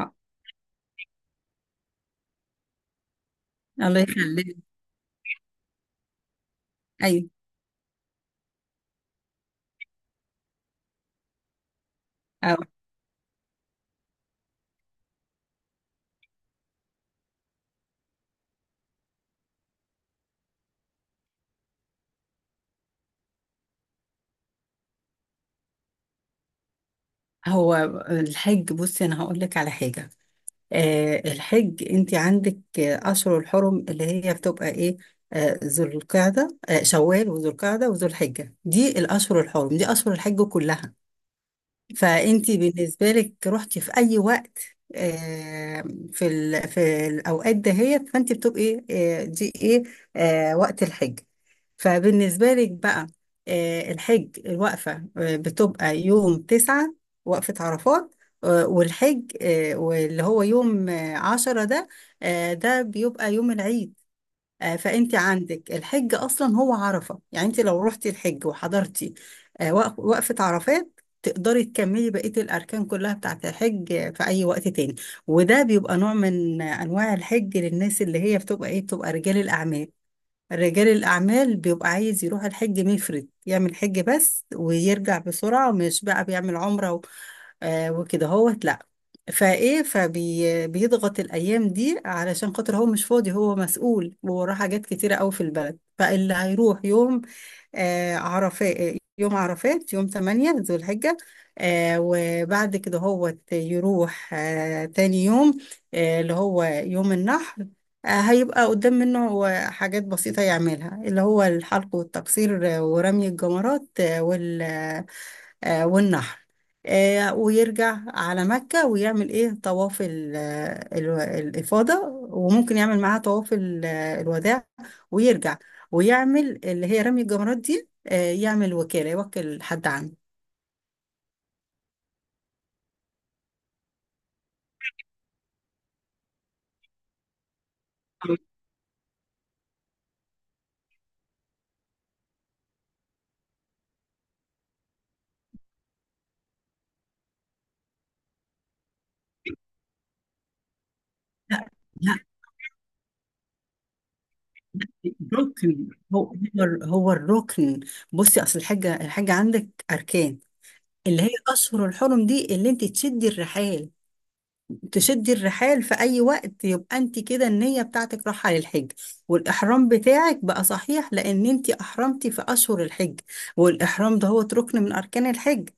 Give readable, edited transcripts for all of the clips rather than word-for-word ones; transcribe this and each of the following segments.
آه، الله يخليك. ايوه. آه، هو الحج، بصي انا هقول لك على حاجه. الحج، انت عندك اشهر الحرم اللي هي بتبقى ايه؟ ذو القعده، شوال وذو القعده وذو الحجه، دي الاشهر الحرم، دي اشهر الحج كلها. فانت بالنسبه لك رحتي في اي وقت، آه، في الاوقات دهيت، فانت بتبقي، دي ايه؟ وقت الحج. فبالنسبة لك بقى، الحج، الوقفة بتبقى يوم 9، وقفة عرفات، والحج، واللي هو يوم عشرة ده، ده بيبقى يوم العيد. فأنت عندك الحج أصلا هو عرفة، يعني أنت لو رحتي الحج وحضرتي وقفة عرفات، تقدري تكملي بقية الأركان كلها بتاعة الحج في أي وقت تاني. وده بيبقى نوع من أنواع الحج، للناس اللي هي بتبقى إيه؟ بتبقى رجال الأعمال. رجال الأعمال بيبقى عايز يروح الحج مفرد، يعمل حج بس ويرجع بسرعة، مش بقى بيعمل عمرة وكده هوت، لأ. فإيه فبيضغط الأيام دي علشان خاطر هو مش فاضي، هو مسؤول ووراه حاجات كتيرة أوي في البلد. فاللي هيروح يوم عرفات يوم 8 ذو الحجة، وبعد كده هو يروح تاني يوم، اللي هو يوم النحر. هيبقى قدام منه هو حاجات بسيطة يعملها، اللي هو الحلق والتقصير، ورمي الجمرات، والنحر. ويرجع على مكة ويعمل ايه؟ طواف الإفاضة. وممكن يعمل معاها طواف الوداع ويرجع، ويعمل اللي هي رمي الجمرات دي، يعمل وكالة، يوكل حد عنده. لا، ركن. هو هو هو الركن. بصي، اصل الحاجة عندك أركان. اللي هي أشهر الحرم دي، اللي انت تشدي الرحال في أي وقت، يبقى أنت كده النية بتاعتك راحة للحج، والإحرام بتاعك بقى صحيح لأن أنت أحرمتي في أشهر الحج. والإحرام ده هو ركن من أركان الحج.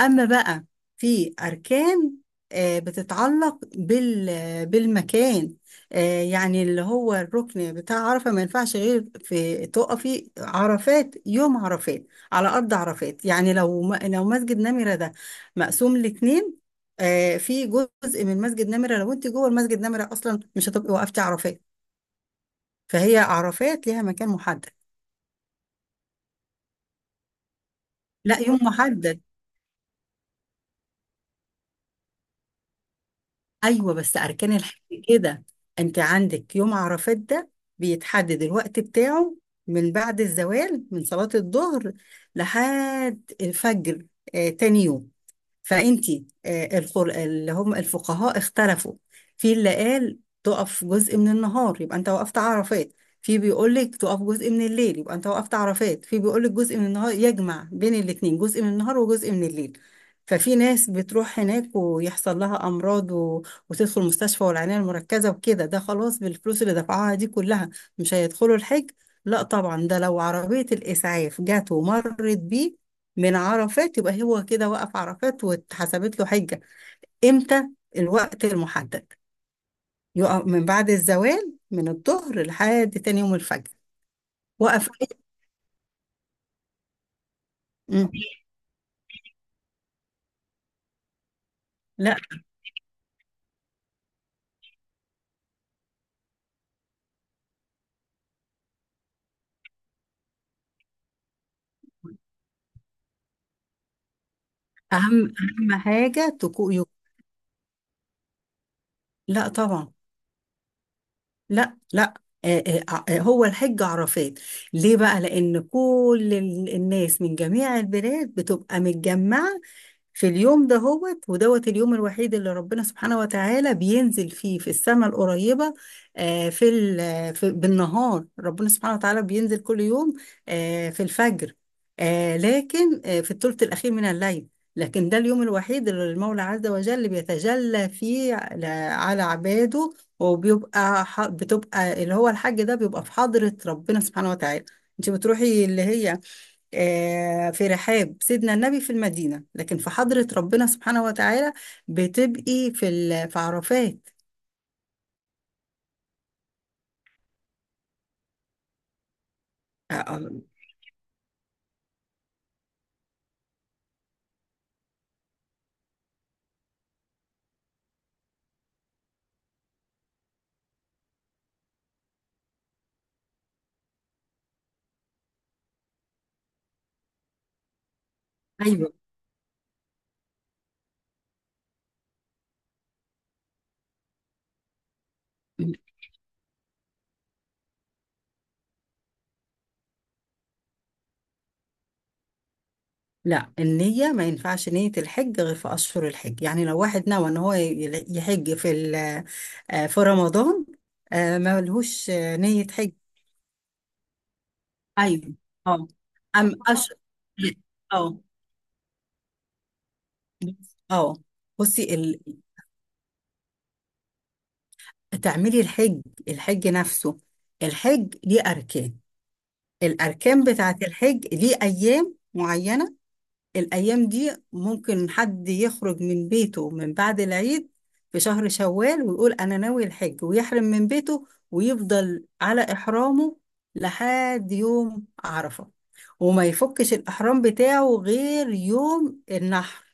أما بقى، في أركان بتتعلق بالمكان. يعني اللي هو الركن بتاع عرفة ما ينفعش غير في تقفي عرفات، يوم عرفات على أرض عرفات. يعني لو مسجد نمرة ده مقسوم لاتنين، في جزء من مسجد نمرة، لو أنت جوه المسجد نمرة أصلا مش هتبقي وقفتي عرفات. فهي عرفات ليها مكان محدد. لا يوم محدد. ايوه، بس اركان الحج كده. انت عندك يوم عرفات ده، بيتحدد الوقت بتاعه من بعد الزوال من صلاة الظهر لحد الفجر تاني يوم. فانتي، اللي هم الفقهاء اختلفوا. في اللي قال تقف جزء من النهار يبقى انت وقفت عرفات، في بيقول لك تقف جزء من الليل يبقى انت وقفت عرفات، في بيقول لك جزء من النهار، يجمع بين الاثنين جزء من النهار وجزء من الليل. ففي ناس بتروح هناك ويحصل لها امراض وتدخل مستشفى والعنايه المركزه وكده. ده خلاص بالفلوس اللي دفعوها دي كلها مش هيدخلوا الحج؟ لا طبعا. ده لو عربيه الاسعاف جت ومرت بيه من عرفات، يبقى هو كده وقف عرفات واتحسبت له حجة. امتى؟ الوقت المحدد. يقف من بعد الزوال من الظهر لحد تاني يوم الفجر. وقف. مم. لا، اهم اهم حاجة تكون لا طبعا. لا، لا. آه، هو الحج عرفات. ليه بقى؟ لأن كل الناس من جميع البلاد بتبقى متجمعة في اليوم ده، هوت ودوت، اليوم الوحيد اللي ربنا سبحانه وتعالى بينزل فيه في السماء القريبة. آه، في, ال- في بالنهار ربنا سبحانه وتعالى بينزل كل يوم في الفجر، لكن في الثلث الأخير من الليل. لكن ده اليوم الوحيد اللي المولى عز وجل بيتجلى فيه على عباده. بتبقى اللي هو الحج ده، بيبقى في حضرة ربنا سبحانه وتعالى. انت بتروحي اللي هي في رحاب سيدنا النبي في المدينة، لكن في حضرة ربنا سبحانه وتعالى بتبقي في عرفات. آه، آه، أيوة. لا، النية ما ينفعش نية الحج غير في أشهر الحج. يعني لو واحد نوى إن هو يحج في في رمضان، ما لهوش نية حج. ايوه. اه أم أش اه اه بصي تعملي الحج. الحج نفسه، الحج ليه أركان. الأركان بتاعة الحج ليه أيام معينة. الأيام دي ممكن حد يخرج من بيته من بعد العيد في شهر شوال ويقول أنا ناوي الحج، ويحرم من بيته ويفضل على إحرامه لحد يوم عرفة، وما يفكش الإحرام بتاعه غير يوم النحر.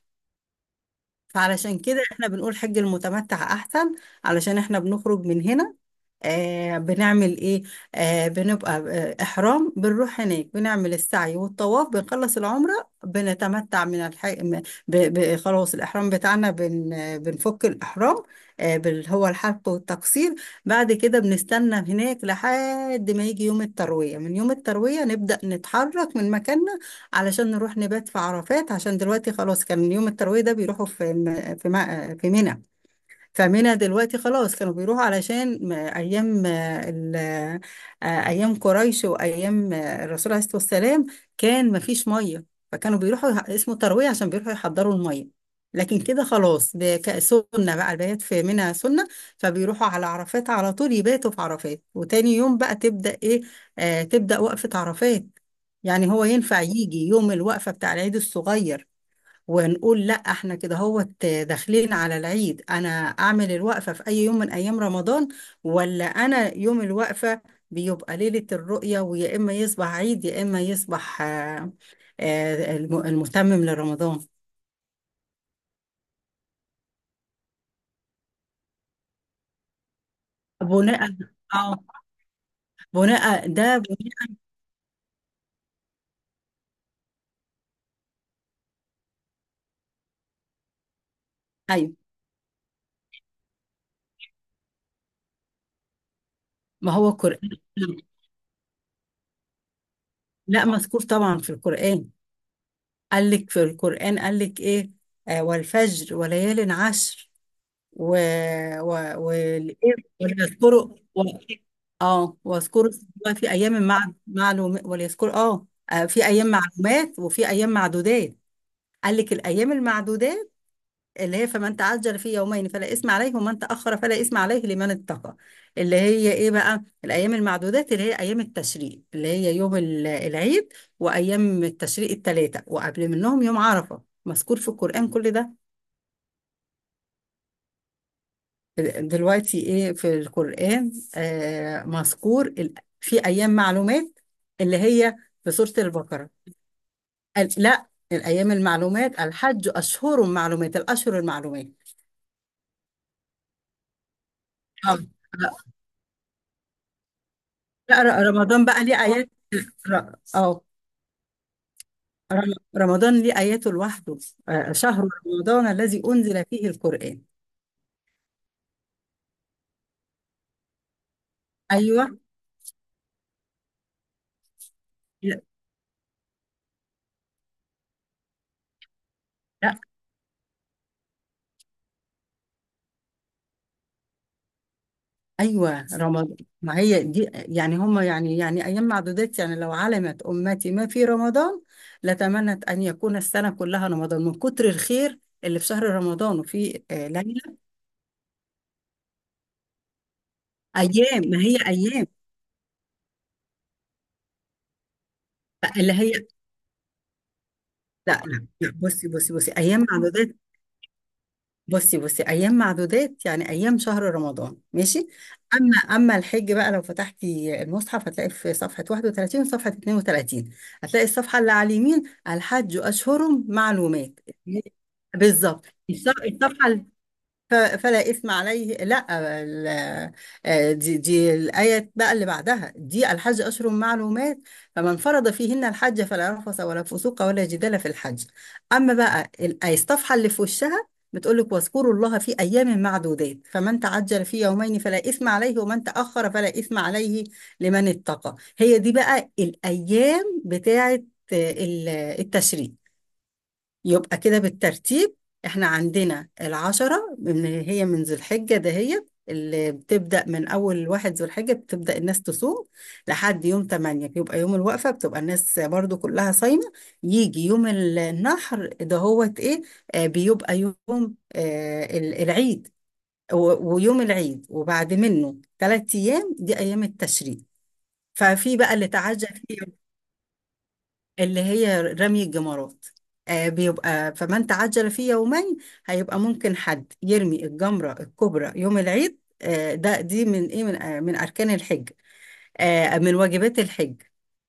فعلشان كده احنا بنقول حج المتمتع أحسن، علشان احنا بنخرج من هنا، بنعمل ايه؟ بنبقى احرام، بنروح هناك بنعمل السعي والطواف، بنخلص العمرة، بنتمتع من الحي... م- ب... ب... خلاص الاحرام بتاعنا بن... آه، بنفك الاحرام، هو الحلق والتقصير. بعد كده بنستنى هناك لحد ما يجي يوم التروية. من يوم التروية نبدأ نتحرك من مكاننا، علشان نروح نبات في عرفات. عشان دلوقتي خلاص، كان يوم التروية ده بيروحوا في منى. فمنها دلوقتي خلاص كانوا بيروحوا، علشان ايام ايام قريش وايام الرسول عليه الصلاه والسلام، كان ما فيش ميه، فكانوا بيروحوا، اسمه ترويه عشان بيروحوا يحضروا الميه. لكن كده خلاص، ده سنه بقى البيات في منها سنه. فبيروحوا على عرفات على طول، يباتوا في عرفات وتاني يوم بقى تبدا ايه؟ تبدا وقفه عرفات. يعني هو ينفع يجي يوم الوقفه بتاع العيد الصغير، ونقول لا احنا كده هو داخلين على العيد؟ انا اعمل الوقفة في اي يوم من ايام رمضان؟ ولا انا يوم الوقفة بيبقى ليلة الرؤية، ويا اما يصبح عيد يا اما يصبح المتمم لرمضان. بناء؟ اه بناء ده بناء. ايوه، ما هو القرآن. لا، مذكور طبعا في القرآن. قال لك في القرآن، قال لك ايه؟ والفجر وليال عشر و... و... و... وليذكروا، و... اه واذكروا اسمه في ايام معلوم، وليذكروا، في ايام معلومات وفي ايام معدودات. قال لك الايام المعدودات اللي هي فمن تعجل في يومين فلا اثم عليه ومن تاخر فلا اثم عليه لمن اتقى. اللي هي ايه بقى الايام المعدودات؟ اللي هي ايام التشريق، اللي هي يوم العيد، وايام التشريق الثلاثه، وقبل منهم يوم عرفه. مذكور في القران كل ده. دلوقتي ايه في القرآن؟ مذكور في ايام معلومات، اللي هي في سورة البقرة. قال لا، الايام المعلومات، الحج اشهر معلومات، الاشهر المعلومات. اه. لا، لا، رمضان بقى ليه ايات، ر- اه رمضان ليه اياته لوحده. شهر رمضان الذي انزل فيه القرآن. ايوه، لا، ايوه، رمضان. ما هي دي يعني هم، يعني ايام معدودات، يعني لو علمت امتي ما في رمضان لتمنت ان يكون السنه كلها رمضان، من كتر الخير اللي في شهر رمضان وفي ليله. ايام، ما هي ايام اللي هي. لا، لا، لا، بصي ايام معدودات يعني ايام شهر رمضان، ماشي. اما الحج بقى، لو فتحتي المصحف هتلاقي في صفحه 31 وصفحه 32، هتلاقي الصفحه اللي على اليمين: الحج اشهر معلومات، بالظبط. الصفحه، فلا إثم عليه، لا، ال- دي الآية بقى اللي بعدها، دي الحج أشهر معلومات، فمن فرض فيهن الحج فلا رفث ولا فسوق ولا جدال في الحج. أما بقى الآية الصفحة اللي في وشها، بتقول لك واذكروا الله في أيام معدودات فمن تعجل في يومين فلا إثم عليه ومن تأخر فلا إثم عليه لمن اتقى. هي دي بقى الأيام بتاعة آه، ال- التشريق. يبقى كده بالترتيب، احنا عندنا العشرة من ذو الحجة دهيت، اللي بتبدأ من أول واحد ذو الحجة بتبدأ الناس تصوم لحد يوم 8، بيبقى يوم الوقفة، بتبقى الناس برضو كلها صايمة. يجي يوم النحر، ده هو ايه؟ بيبقى يوم العيد، ويوم العيد وبعد منه 3 أيام، دي أيام التشريق. ففي بقى اللي تعجب فيه، اللي هي رمي الجمرات. بيبقى فمن تعجل في يومين، هيبقى ممكن حد يرمي الجمرة الكبرى يوم العيد. ده دي من اركان الحج، من واجبات الحج.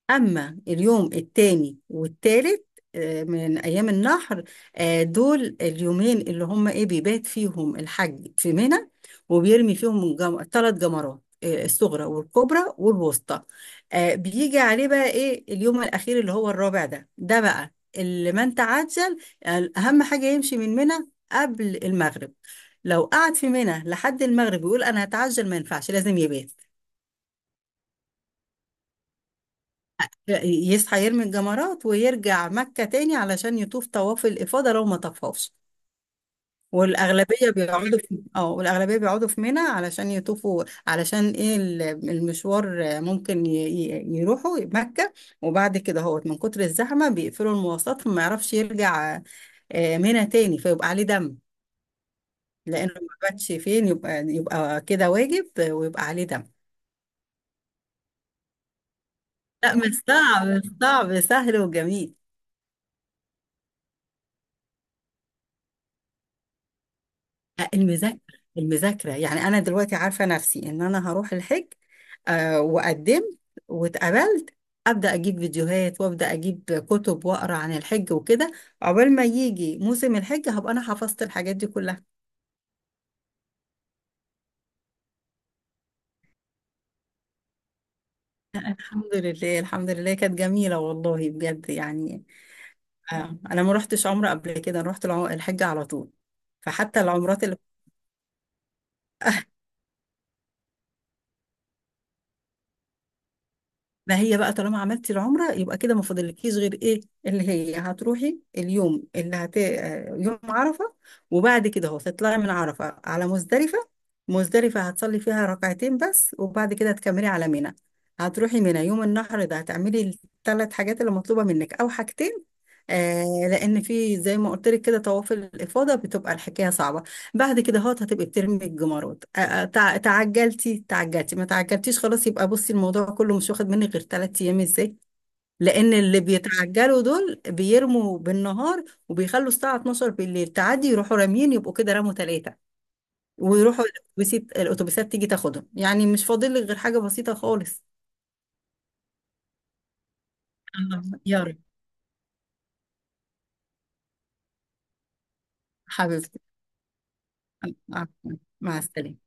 أما اليوم التاني والتالت من أيام النحر، دول اليومين اللي هم إيه؟ بيبات فيهم الحج في منى، وبيرمي فيهم 3 جمرات، الصغرى والكبرى والوسطى. بيجي عليه بقى إيه اليوم الأخير اللي هو الرابع؟ ده بقى اللي من تعجل. أهم حاجة يمشي من منى قبل المغرب. لو قعد في منى لحد المغرب يقول أنا هتعجل، ما ينفعش، لازم يبات، يصحى يرمي الجمرات ويرجع مكة تاني علشان يطوف طواف الإفاضة لو ما طفوش. والأغلبية بيقعدوا في منى علشان يطوفوا، علشان ايه؟ المشوار، ممكن يروحوا مكة، وبعد كده هو من كتر الزحمة بيقفلوا المواصلات فما يعرفش يرجع منى تاني، فيبقى عليه دم، لأنه ما باتش. فين يبقى كده واجب، ويبقى عليه دم. لا، مش صعب، مش صعب، سهل وجميل. المذاكرة، المذاكرة يعني أنا دلوقتي عارفة نفسي إن أنا هروح الحج، وقدمت واتقبلت، أبدأ أجيب فيديوهات وأبدأ أجيب كتب وأقرأ عن الحج وكده، عقبال ما يجي موسم الحج هبقى أنا حفظت الحاجات دي كلها. الحمد لله، الحمد لله، كانت جميلة والله، بجد يعني. أنا ما رحتش عمرة قبل كده، أنا رحت الحج على طول، فحتى العمرات. ما هي بقى، طالما عملتي العمرة يبقى كده ما فاضلكيش غير ايه؟ اللي هي هتروحي اليوم اللي هت آه، يوم عرفة، وبعد كده هو تطلعي من عرفة على مزدلفة. مزدلفة هتصلي فيها ركعتين بس، وبعد كده هتكملي على منى، هتروحي منى يوم النحر، ده هتعملي ال3 حاجات اللي مطلوبة منك او حاجتين، آه لان في زي ما قلت لك كده طواف الافاضه بتبقى الحكايه صعبه. بعد كده هتبقي بترمي الجمارات، تعجلتي تعجلتي، ما تعجلتيش، خلاص، يبقى بصي الموضوع كله مش واخد مني غير 3 ايام. ازاي؟ لان اللي بيتعجلوا دول بيرموا بالنهار، وبيخلوا الساعه 12 بالليل تعدي يروحوا راميين، يبقوا كده رموا 3، ويروحوا الاتوبيسات. الاتوبيسات تيجي تاخدهم، يعني مش فاضل لك غير حاجه بسيطه خالص. الله يا رب. حبيبتي. آه، آه، مع السلامه.